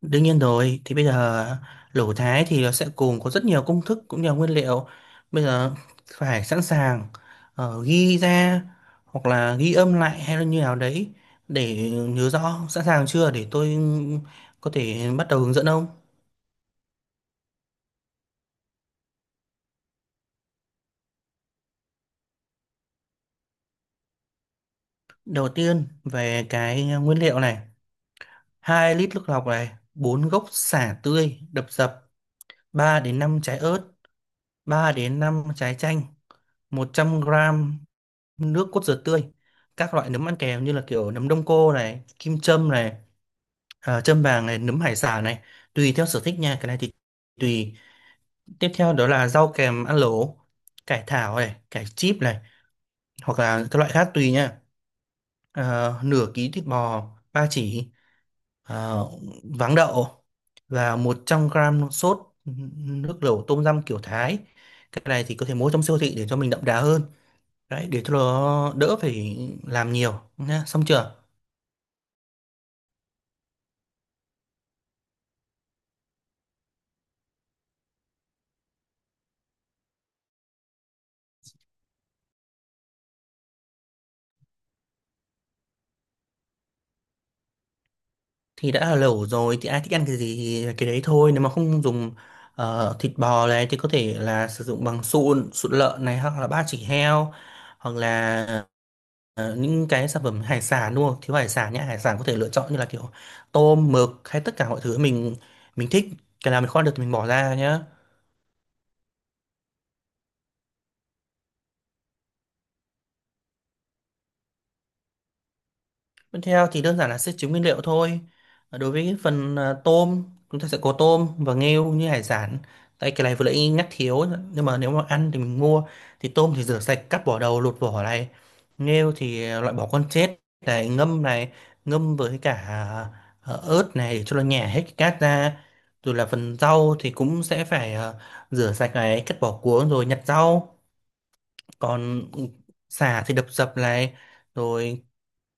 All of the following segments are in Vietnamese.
Đương nhiên rồi, thì bây giờ lẩu Thái thì nó sẽ cùng có rất nhiều công thức cũng như là nguyên liệu. Bây giờ phải sẵn sàng, ghi ra hoặc là ghi âm lại hay là như nào đấy để nhớ rõ. Sẵn sàng chưa để tôi có thể bắt đầu hướng dẫn ông? Đầu tiên về cái nguyên liệu này: 2 lít nước lọc này, 4 gốc sả tươi đập dập, 3 đến 5 trái ớt, 3 đến 5 trái chanh, 100 gram nước cốt dừa tươi, các loại nấm ăn kèm như là kiểu nấm đông cô này, kim châm này, à, châm vàng này, nấm hải sản này, tùy theo sở thích nha. Cái này thì tùy. Tiếp theo đó là rau kèm ăn lẩu, cải thảo này, cải chip này, hoặc là các loại khác tùy nha. Nửa ký thịt bò ba chỉ, ờ, váng đậu, và 100 gram sốt nước lẩu tôm răm kiểu Thái. Cái này thì có thể mua trong siêu thị để cho mình đậm đà hơn đấy, để cho nó đỡ phải làm nhiều nhá. Xong chưa? Thì đã là lẩu rồi thì ai thích ăn cái gì thì cái đấy thôi. Nếu mà không dùng thịt bò này thì có thể là sử dụng bằng sụn sụn lợn này hoặc là ba chỉ heo, hoặc là những cái sản phẩm hải sản, đúng không? Thiếu hải sản nhé. Hải sản có thể lựa chọn như là kiểu tôm, mực hay tất cả mọi thứ mình thích. Cái nào mình kho được thì mình bỏ ra nhé. Tiếp theo thì đơn giản là sẽ chứa nguyên liệu thôi. Đối với phần tôm, chúng ta sẽ có tôm và nghêu như hải sản. Tại cái này vừa nãy nhắc thiếu, nhưng mà nếu mà ăn thì mình mua. Thì tôm thì rửa sạch, cắt vỏ đầu, lột vỏ này. Nghêu thì loại bỏ con chết này, ngâm với cả ớt này để cho nó nhả hết cái cát ra. Rồi là phần rau thì cũng sẽ phải rửa sạch này, cắt bỏ cuống rồi nhặt rau. Còn sả thì đập dập này, rồi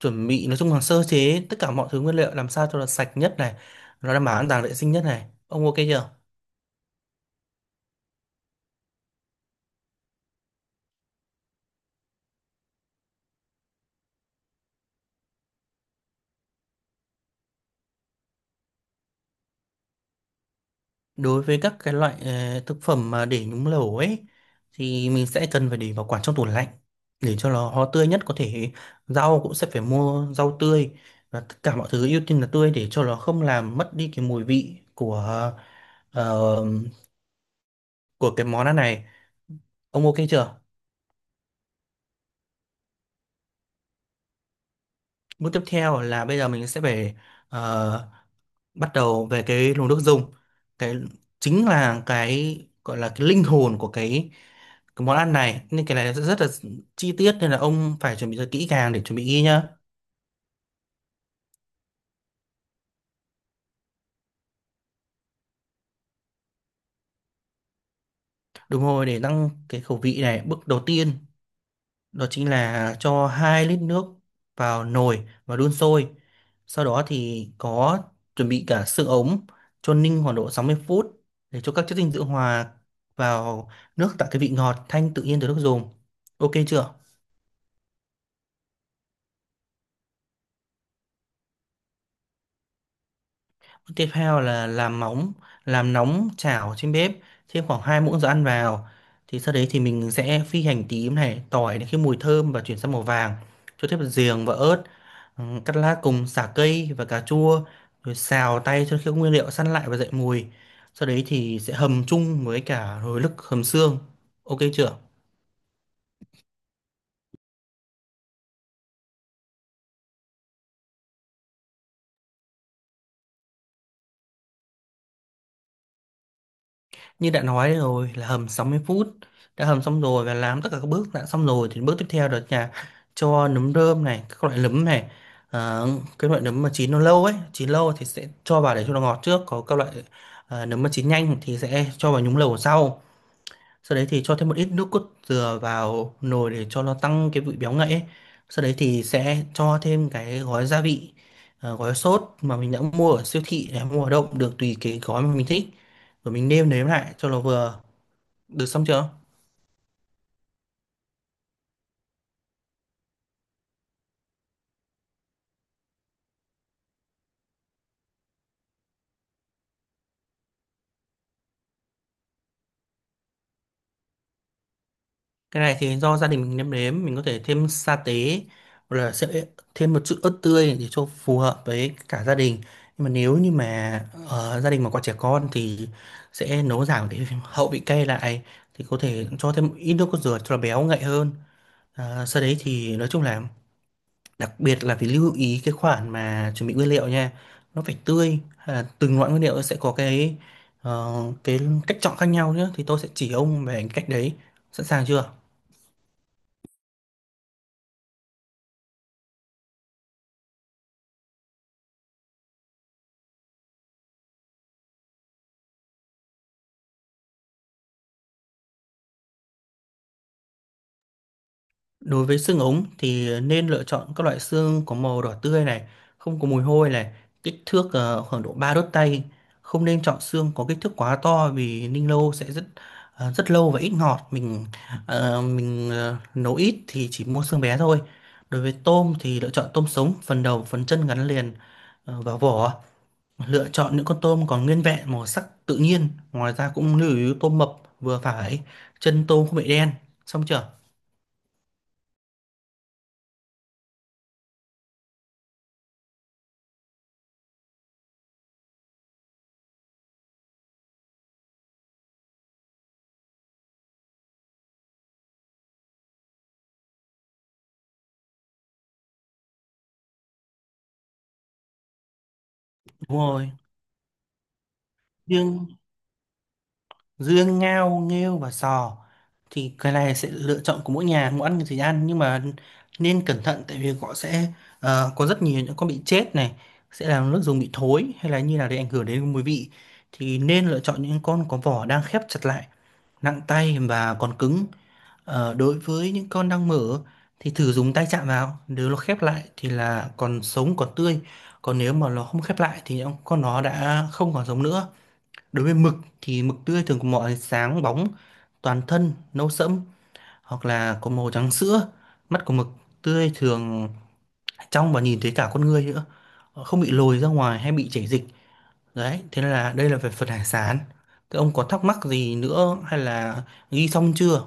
chuẩn bị. Nói chung là sơ chế tất cả mọi thứ nguyên liệu làm sao cho là sạch nhất này, nó đảm bảo an toàn vệ sinh nhất này. Ông ok chưa? Đối với các cái loại thực phẩm mà để nhúng lẩu ấy thì mình sẽ cần phải để bảo quản trong tủ lạnh để cho nó tươi nhất có thể. Rau cũng sẽ phải mua rau tươi, và tất cả mọi thứ ưu tiên là tươi để cho nó không làm mất đi cái mùi vị của, ờ, của cái món ăn này. Ông ok chưa? Bước tiếp theo là bây giờ mình sẽ phải ờ, bắt đầu về cái luồng nước dùng. Cái chính là cái gọi là cái linh hồn của cái món ăn này, nên cái này rất là chi tiết, nên là ông phải chuẩn bị rất kỹ càng để chuẩn bị ghi nhá. Đúng rồi, để tăng cái khẩu vị này. Bước đầu tiên đó chính là cho 2 lít nước vào nồi và đun sôi. Sau đó thì có chuẩn bị cả xương ống cho ninh khoảng độ 60 phút để cho các chất dinh dưỡng hòa vào nước, tạo cái vị ngọt thanh tự nhiên từ nước dùng. Ok chưa? Tiếp theo là làm móng, làm nóng chảo trên bếp, thêm khoảng 2 muỗng dầu ăn vào. Thì sau đấy thì mình sẽ phi hành tím này, tỏi đến khi mùi thơm và chuyển sang màu vàng. Cho thêm giềng và ớt, ừ, cắt lát cùng sả cây và cà chua. Rồi xào tay cho khi các nguyên liệu săn lại và dậy mùi. Sau đấy thì sẽ hầm chung với cả rồi lức hầm xương. Ok chưa? Như đã nói rồi là hầm 60 phút. Đã hầm xong rồi và làm tất cả các bước đã xong rồi thì bước tiếp theo đó là cho nấm rơm này, các loại nấm này. Ờ, cái loại nấm mà chín nó lâu ấy, chín lâu thì sẽ cho vào để cho nó ngọt trước. Có các loại nấm mà chín nhanh thì sẽ cho vào nhúng lẩu sau. Sau đấy thì cho thêm một ít nước cốt dừa vào nồi để cho nó tăng cái vị béo ngậy ấy. Sau đấy thì sẽ cho thêm cái gói gia vị, gói sốt mà mình đã mua ở siêu thị hay mua ở đâu cũng được, tùy cái gói mà mình thích. Rồi mình nêm nếm lại cho nó vừa được. Xong chưa? Cái này thì do gia đình mình nêm nếm, mình có thể thêm sa tế hoặc là sẽ thêm một chút ớt tươi để cho phù hợp với cả gia đình. Nhưng mà nếu như mà gia đình mà có trẻ con thì sẽ nấu giảm cái hậu vị cay lại, thì có thể cho thêm ít nước cốt dừa cho nó béo ngậy hơn. À, sau đấy thì nói chung là đặc biệt là phải lưu ý cái khoản mà chuẩn bị nguyên liệu nha. Nó phải tươi, à, từng loại nguyên liệu sẽ có cái, ờ, cái cách chọn khác nhau nhé, thì tôi sẽ chỉ ông về cách đấy. Sẵn sàng chưa? Đối với xương ống thì nên lựa chọn các loại xương có màu đỏ tươi này, không có mùi hôi này, kích thước khoảng độ 3 đốt tay. Không nên chọn xương có kích thước quá to vì ninh lâu sẽ rất, rất lâu và ít ngọt. Mình nấu ít thì chỉ mua xương bé thôi. Đối với tôm thì lựa chọn tôm sống, phần đầu, phần chân gắn liền vào vỏ. Lựa chọn những con tôm còn nguyên vẹn màu sắc tự nhiên. Ngoài ra cũng lưu ý tôm mập vừa phải, chân tôm không bị đen. Xong chưa? Đúng rồi. Nhưng dương ngao nghêu và sò thì cái này sẽ lựa chọn của mỗi nhà, muốn ăn thì ăn, nhưng mà nên cẩn thận tại vì họ sẽ có rất nhiều những con bị chết này, sẽ làm nước dùng bị thối hay là như là để ảnh hưởng đến mùi vị. Thì nên lựa chọn những con có vỏ đang khép chặt lại, nặng tay và còn cứng. Đối với những con đang mở thì thử dùng tay chạm vào, nếu nó khép lại thì là còn sống còn tươi, còn nếu mà nó không khép lại thì con nó đã không còn sống nữa. Đối với mực thì mực tươi thường có màu sáng bóng, toàn thân, nâu sẫm hoặc là có màu trắng sữa. Mắt của mực tươi thường trong và nhìn thấy cả con người nữa. Họ không bị lồi ra ngoài hay bị chảy dịch. Đấy, thế nên là đây là về phần hải sản. Thế ông có thắc mắc gì nữa hay là ghi xong chưa?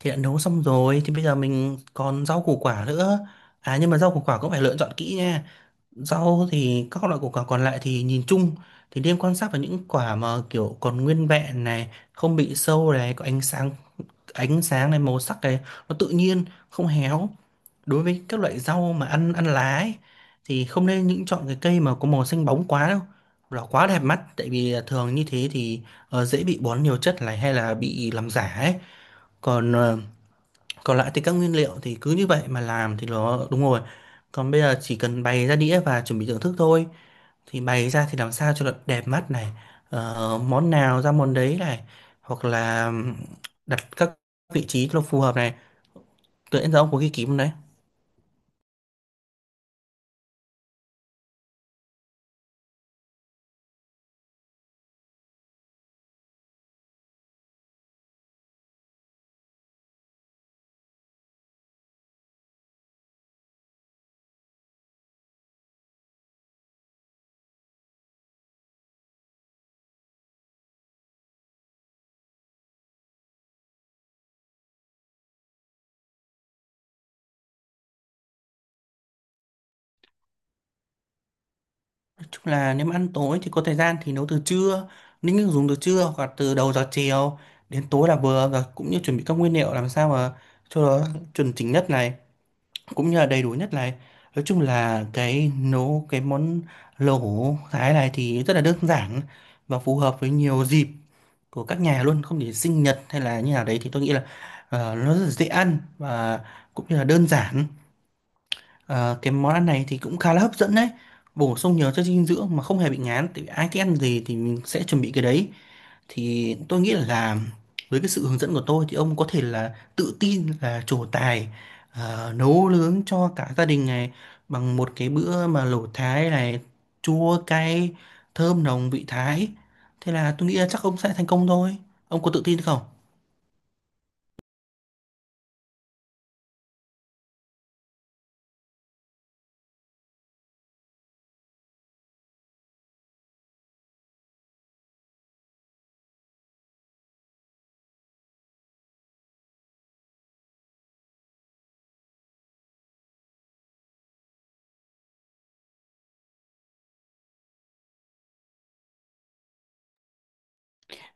Thì đã nấu xong rồi thì bây giờ mình còn rau củ quả nữa. À, nhưng mà rau củ quả cũng phải lựa chọn kỹ nha. Rau thì các loại củ quả còn lại thì nhìn chung thì nên quan sát vào những quả mà kiểu còn nguyên vẹn này, không bị sâu này, có ánh sáng này, màu sắc này, nó tự nhiên, không héo. Đối với các loại rau mà ăn ăn lá ấy, thì không nên những chọn cái cây mà có màu xanh bóng quá đâu. Hoặc là quá đẹp mắt, tại vì thường như thế thì dễ bị bón nhiều chất này hay là bị làm giả ấy. Còn còn lại thì các nguyên liệu thì cứ như vậy mà làm thì nó đúng rồi. Còn bây giờ chỉ cần bày ra đĩa và chuẩn bị thưởng thức thôi. Thì bày ra thì làm sao cho nó đẹp mắt này, món nào ra món đấy này, hoặc là đặt các vị trí cho nó phù hợp này, tự nhiên. Giờ ông có ghi kỹ không đấy? Nói chung là nếu mà ăn tối thì có thời gian thì nấu từ trưa, nếu như dùng từ trưa hoặc là từ đầu giờ chiều đến tối là vừa. Và cũng như chuẩn bị các nguyên liệu làm sao mà cho nó chuẩn chỉnh nhất này, cũng như là đầy đủ nhất này. Nói chung là cái nấu cái món lẩu thái này thì rất là đơn giản và phù hợp với nhiều dịp của các nhà luôn, không chỉ sinh nhật hay là như nào đấy. Thì tôi nghĩ là nó rất là dễ ăn và cũng như là đơn giản. Ờ, cái món ăn này thì cũng khá là hấp dẫn đấy, bổ sung nhiều chất dinh dưỡng mà không hề bị ngán, tại vì ai thích ăn gì thì mình sẽ chuẩn bị cái đấy. Thì tôi nghĩ là với cái sự hướng dẫn của tôi thì ông có thể là tự tin là trổ tài nấu nướng cho cả gia đình này bằng một cái bữa mà lẩu Thái này, chua cay thơm nồng vị Thái. Thế là tôi nghĩ là chắc ông sẽ thành công thôi. Ông có tự tin không?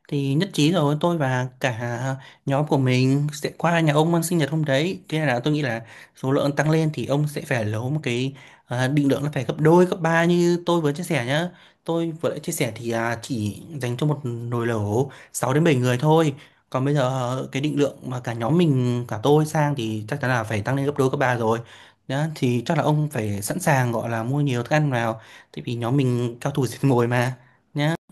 Thì nhất trí rồi. Tôi và cả, à, nhóm của mình sẽ qua nhà ông ăn sinh nhật hôm đấy. Thế là tôi nghĩ là số lượng tăng lên thì ông sẽ phải lấy một cái, à, định lượng nó phải gấp đôi gấp ba như tôi vừa chia sẻ nhá. Tôi vừa đã chia sẻ thì, à, chỉ dành cho một nồi lẩu 6 đến 7 người thôi. Còn bây giờ, à, cái định lượng mà cả nhóm mình cả tôi sang thì chắc chắn là phải tăng lên gấp đôi gấp ba rồi. Đó, thì chắc là ông phải sẵn sàng gọi là mua nhiều thức ăn vào, tại vì nhóm mình cao thủ diệt mồi mà, nhá.